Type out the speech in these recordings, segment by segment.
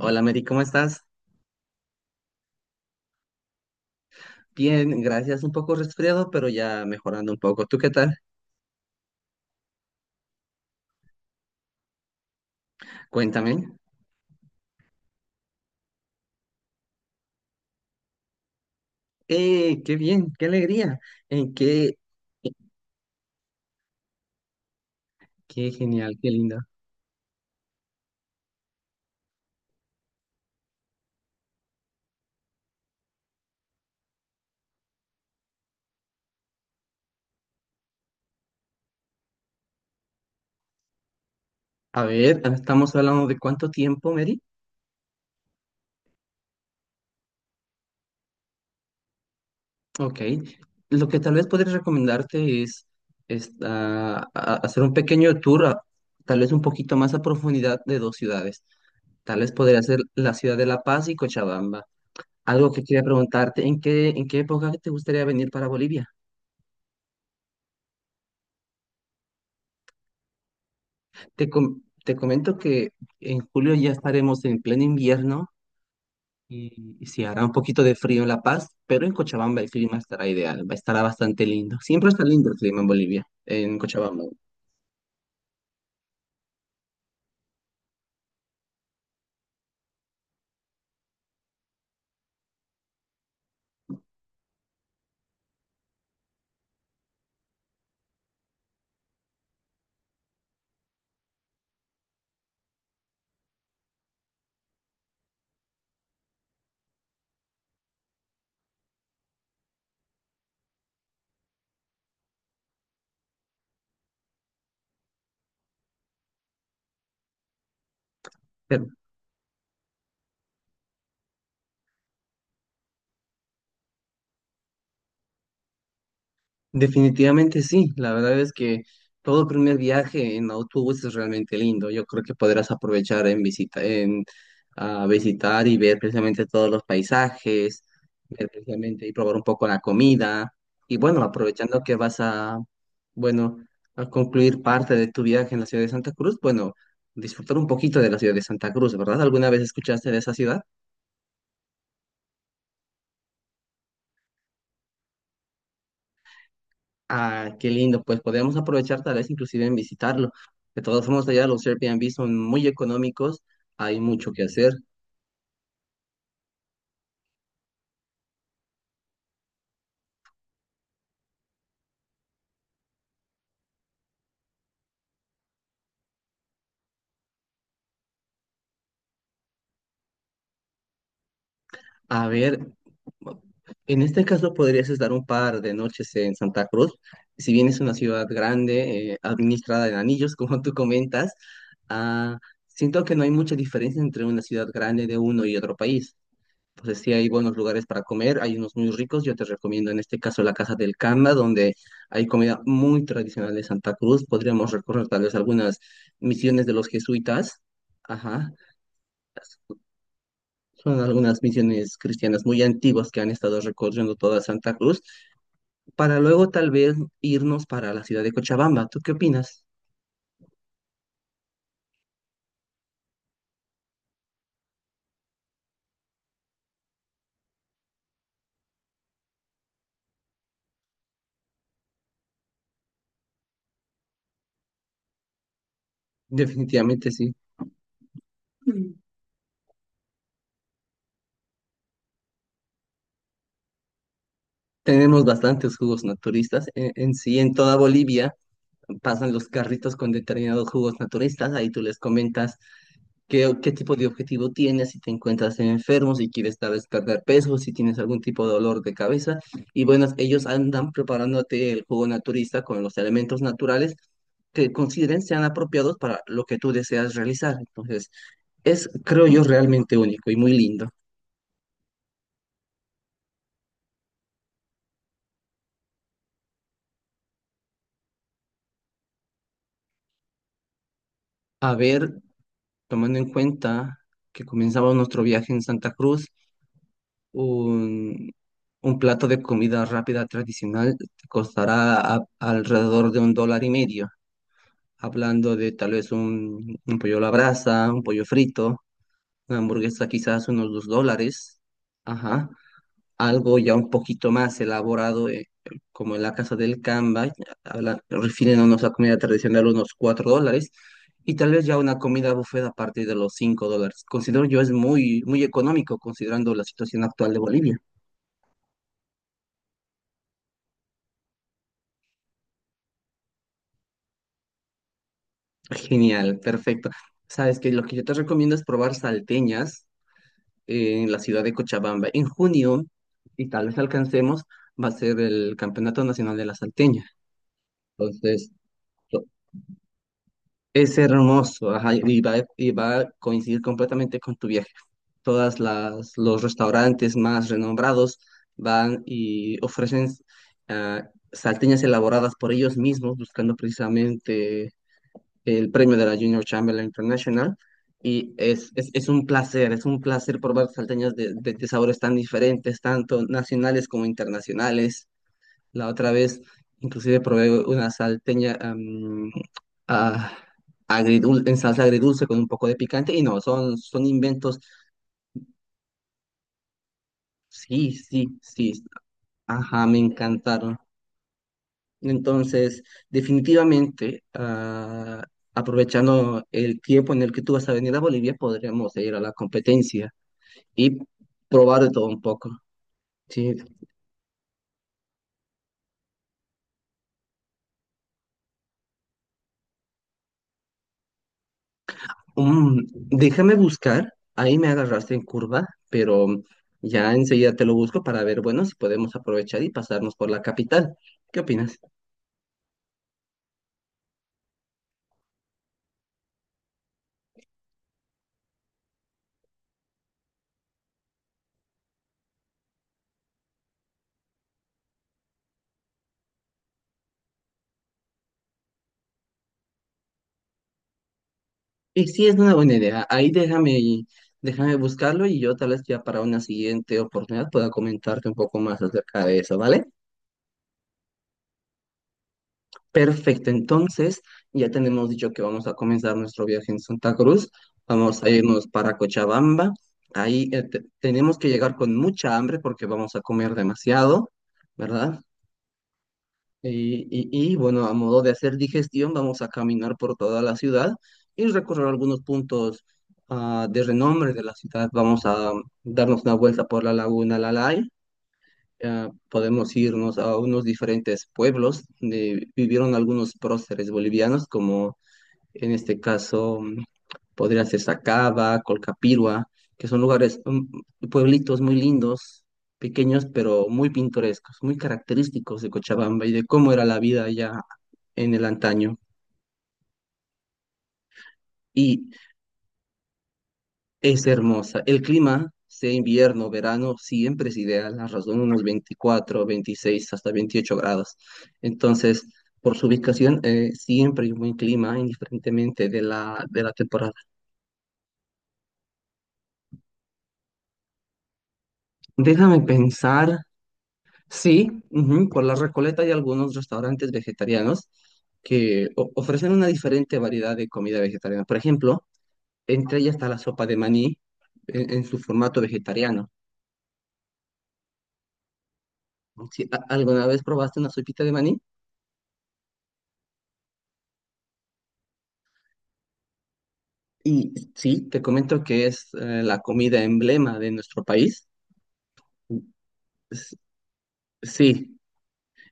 Hola Mary, ¿cómo estás? Bien, gracias. Un poco resfriado, pero ya mejorando un poco. ¿Tú qué tal? Cuéntame. Qué bien! ¡Qué alegría! Eh, qué, qué genial! ¡Qué linda! A ver, estamos hablando de cuánto tiempo, Mary. Ok. Lo que tal vez podría recomendarte es, hacer un pequeño tour, tal vez un poquito más a profundidad de dos ciudades. Tal vez podría ser la ciudad de La Paz y Cochabamba. Algo que quería preguntarte, en qué época te gustaría venir para Bolivia? Te comento que en julio ya estaremos en pleno invierno y sí hará un poquito de frío en La Paz, pero en Cochabamba el clima estará ideal, estará bastante lindo. Siempre está lindo el clima en Bolivia, en Cochabamba. Pero. Definitivamente sí, la verdad es que todo primer viaje en autobús es realmente lindo. Yo creo que podrás aprovechar en visita, en visitar y ver precisamente todos los paisajes, ver precisamente y probar un poco la comida. Y bueno, aprovechando que vas a, bueno, a concluir parte de tu viaje en la ciudad de Santa Cruz, bueno, disfrutar un poquito de la ciudad de Santa Cruz, ¿verdad? ¿Alguna vez escuchaste de esa ciudad? Ah, qué lindo, pues podemos aprovechar tal vez inclusive en visitarlo. De todos modos, allá los Airbnb son muy económicos, hay mucho que hacer. A ver, en este caso podrías estar un par de noches en Santa Cruz. Si bien es una ciudad grande, administrada en anillos, como tú comentas, ah, siento que no hay mucha diferencia entre una ciudad grande de uno y otro país. Entonces sí hay buenos lugares para comer, hay unos muy ricos. Yo te recomiendo en este caso la Casa del Canda, donde hay comida muy tradicional de Santa Cruz. Podríamos recorrer tal vez algunas misiones de los jesuitas. Ajá. Son algunas misiones cristianas muy antiguas que han estado recorriendo toda Santa Cruz, para luego tal vez irnos para la ciudad de Cochabamba. ¿Tú qué opinas? Definitivamente sí. Mm. Tenemos bastantes jugos naturistas en sí, en toda Bolivia. Pasan los carritos con determinados jugos naturistas, ahí tú les comentas qué, qué tipo de objetivo tienes, si te encuentras enfermo, si quieres tal vez perder peso, si tienes algún tipo de dolor de cabeza. Y bueno, ellos andan preparándote el jugo naturista con los elementos naturales que consideren sean apropiados para lo que tú deseas realizar. Entonces, es, creo yo, realmente único y muy lindo. A ver, tomando en cuenta que comenzaba nuestro viaje en Santa Cruz. Un, un plato de comida rápida tradicional te costará alrededor de un dólar y medio, hablando de tal vez un pollo a la brasa, un pollo frito, una hamburguesa quizás unos $2, ajá, algo ya un poquito más elaborado, como en la casa del Camba, refiriéndonos a comida tradicional, unos $4. Y tal vez ya una comida buffet a partir de los $5. Considero yo es muy, muy económico considerando la situación actual de Bolivia. Genial, perfecto. Sabes que lo que yo te recomiendo es probar salteñas en la ciudad de Cochabamba. En junio, y tal vez alcancemos, va a ser el Campeonato Nacional de la Salteña. Entonces, to- es hermoso, ajá, y va a coincidir completamente con tu viaje. Todas las los restaurantes más renombrados van y ofrecen ah, salteñas elaboradas por ellos mismos, buscando precisamente el premio de la Junior Chamberlain International. Y es un placer, es un placer probar salteñas de sabores tan diferentes, tanto nacionales como internacionales. La otra vez, inclusive probé una salteña ah, en salsa agridulce con un poco de picante. Y no, son inventos. Sí, sí, sí. Ajá, me encantaron. Entonces, definitivamente, ah, aprovechando el tiempo en el que tú vas a venir a Bolivia, podríamos ir a la competencia y probar de todo un poco. Sí. Déjame buscar, ahí me agarraste en curva, pero ya enseguida te lo busco para ver, bueno, si podemos aprovechar y pasarnos por la capital. ¿Qué opinas? Y sí, es una buena idea. Ahí déjame, déjame buscarlo y yo tal vez ya para una siguiente oportunidad pueda comentarte un poco más acerca de eso, ¿vale? Perfecto, entonces ya tenemos dicho que vamos a comenzar nuestro viaje en Santa Cruz. Vamos a irnos para Cochabamba. Ahí tenemos que llegar con mucha hambre porque vamos a comer demasiado, ¿verdad? Y, bueno, a modo de hacer digestión, vamos a caminar por toda la ciudad y recorrer algunos puntos de renombre de la ciudad. Vamos a darnos una vuelta por la Laguna Lalay. Podemos irnos a unos diferentes pueblos donde vivieron algunos próceres bolivianos, como en este caso podría ser Sacaba, Colcapirua, que son lugares, pueblitos muy lindos, pequeños, pero muy pintorescos, muy característicos de Cochabamba y de cómo era la vida allá en el antaño. Y. Es hermosa. El clima, sea invierno, verano, siempre es ideal. La razón, unos 24 26 hasta 28 grados. Entonces, por su ubicación, siempre hay un buen clima, indiferentemente de la temporada. Déjame pensar. Sí, ujú, por la Recoleta hay algunos restaurantes vegetarianos que ofrecen una diferente variedad de comida vegetariana. Por ejemplo, entre ellas está la sopa de maní en su formato vegetariano. ¿Si alguna vez probaste una sopita de maní? Y sí, te comento que es la comida emblema de nuestro país. S- Sí,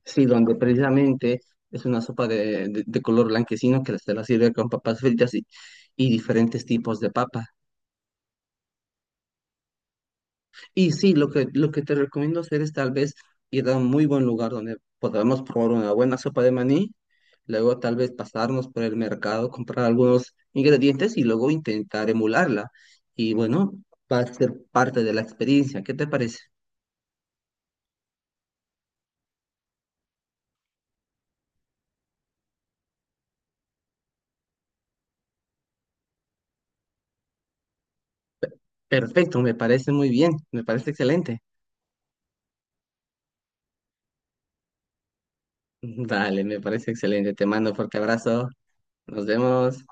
sí, donde precisamente es una sopa de color blanquecino que se la sirve con papas fritas y diferentes tipos de papa. Y sí, lo que te recomiendo hacer es tal vez ir a un muy buen lugar donde podamos probar una buena sopa de maní, luego tal vez pasarnos por el mercado, comprar algunos ingredientes y luego intentar emularla. Y bueno, va a ser parte de la experiencia. ¿Qué te parece? Perfecto, me parece muy bien, me parece excelente. Dale, me parece excelente. Te mando un fuerte abrazo. Nos vemos.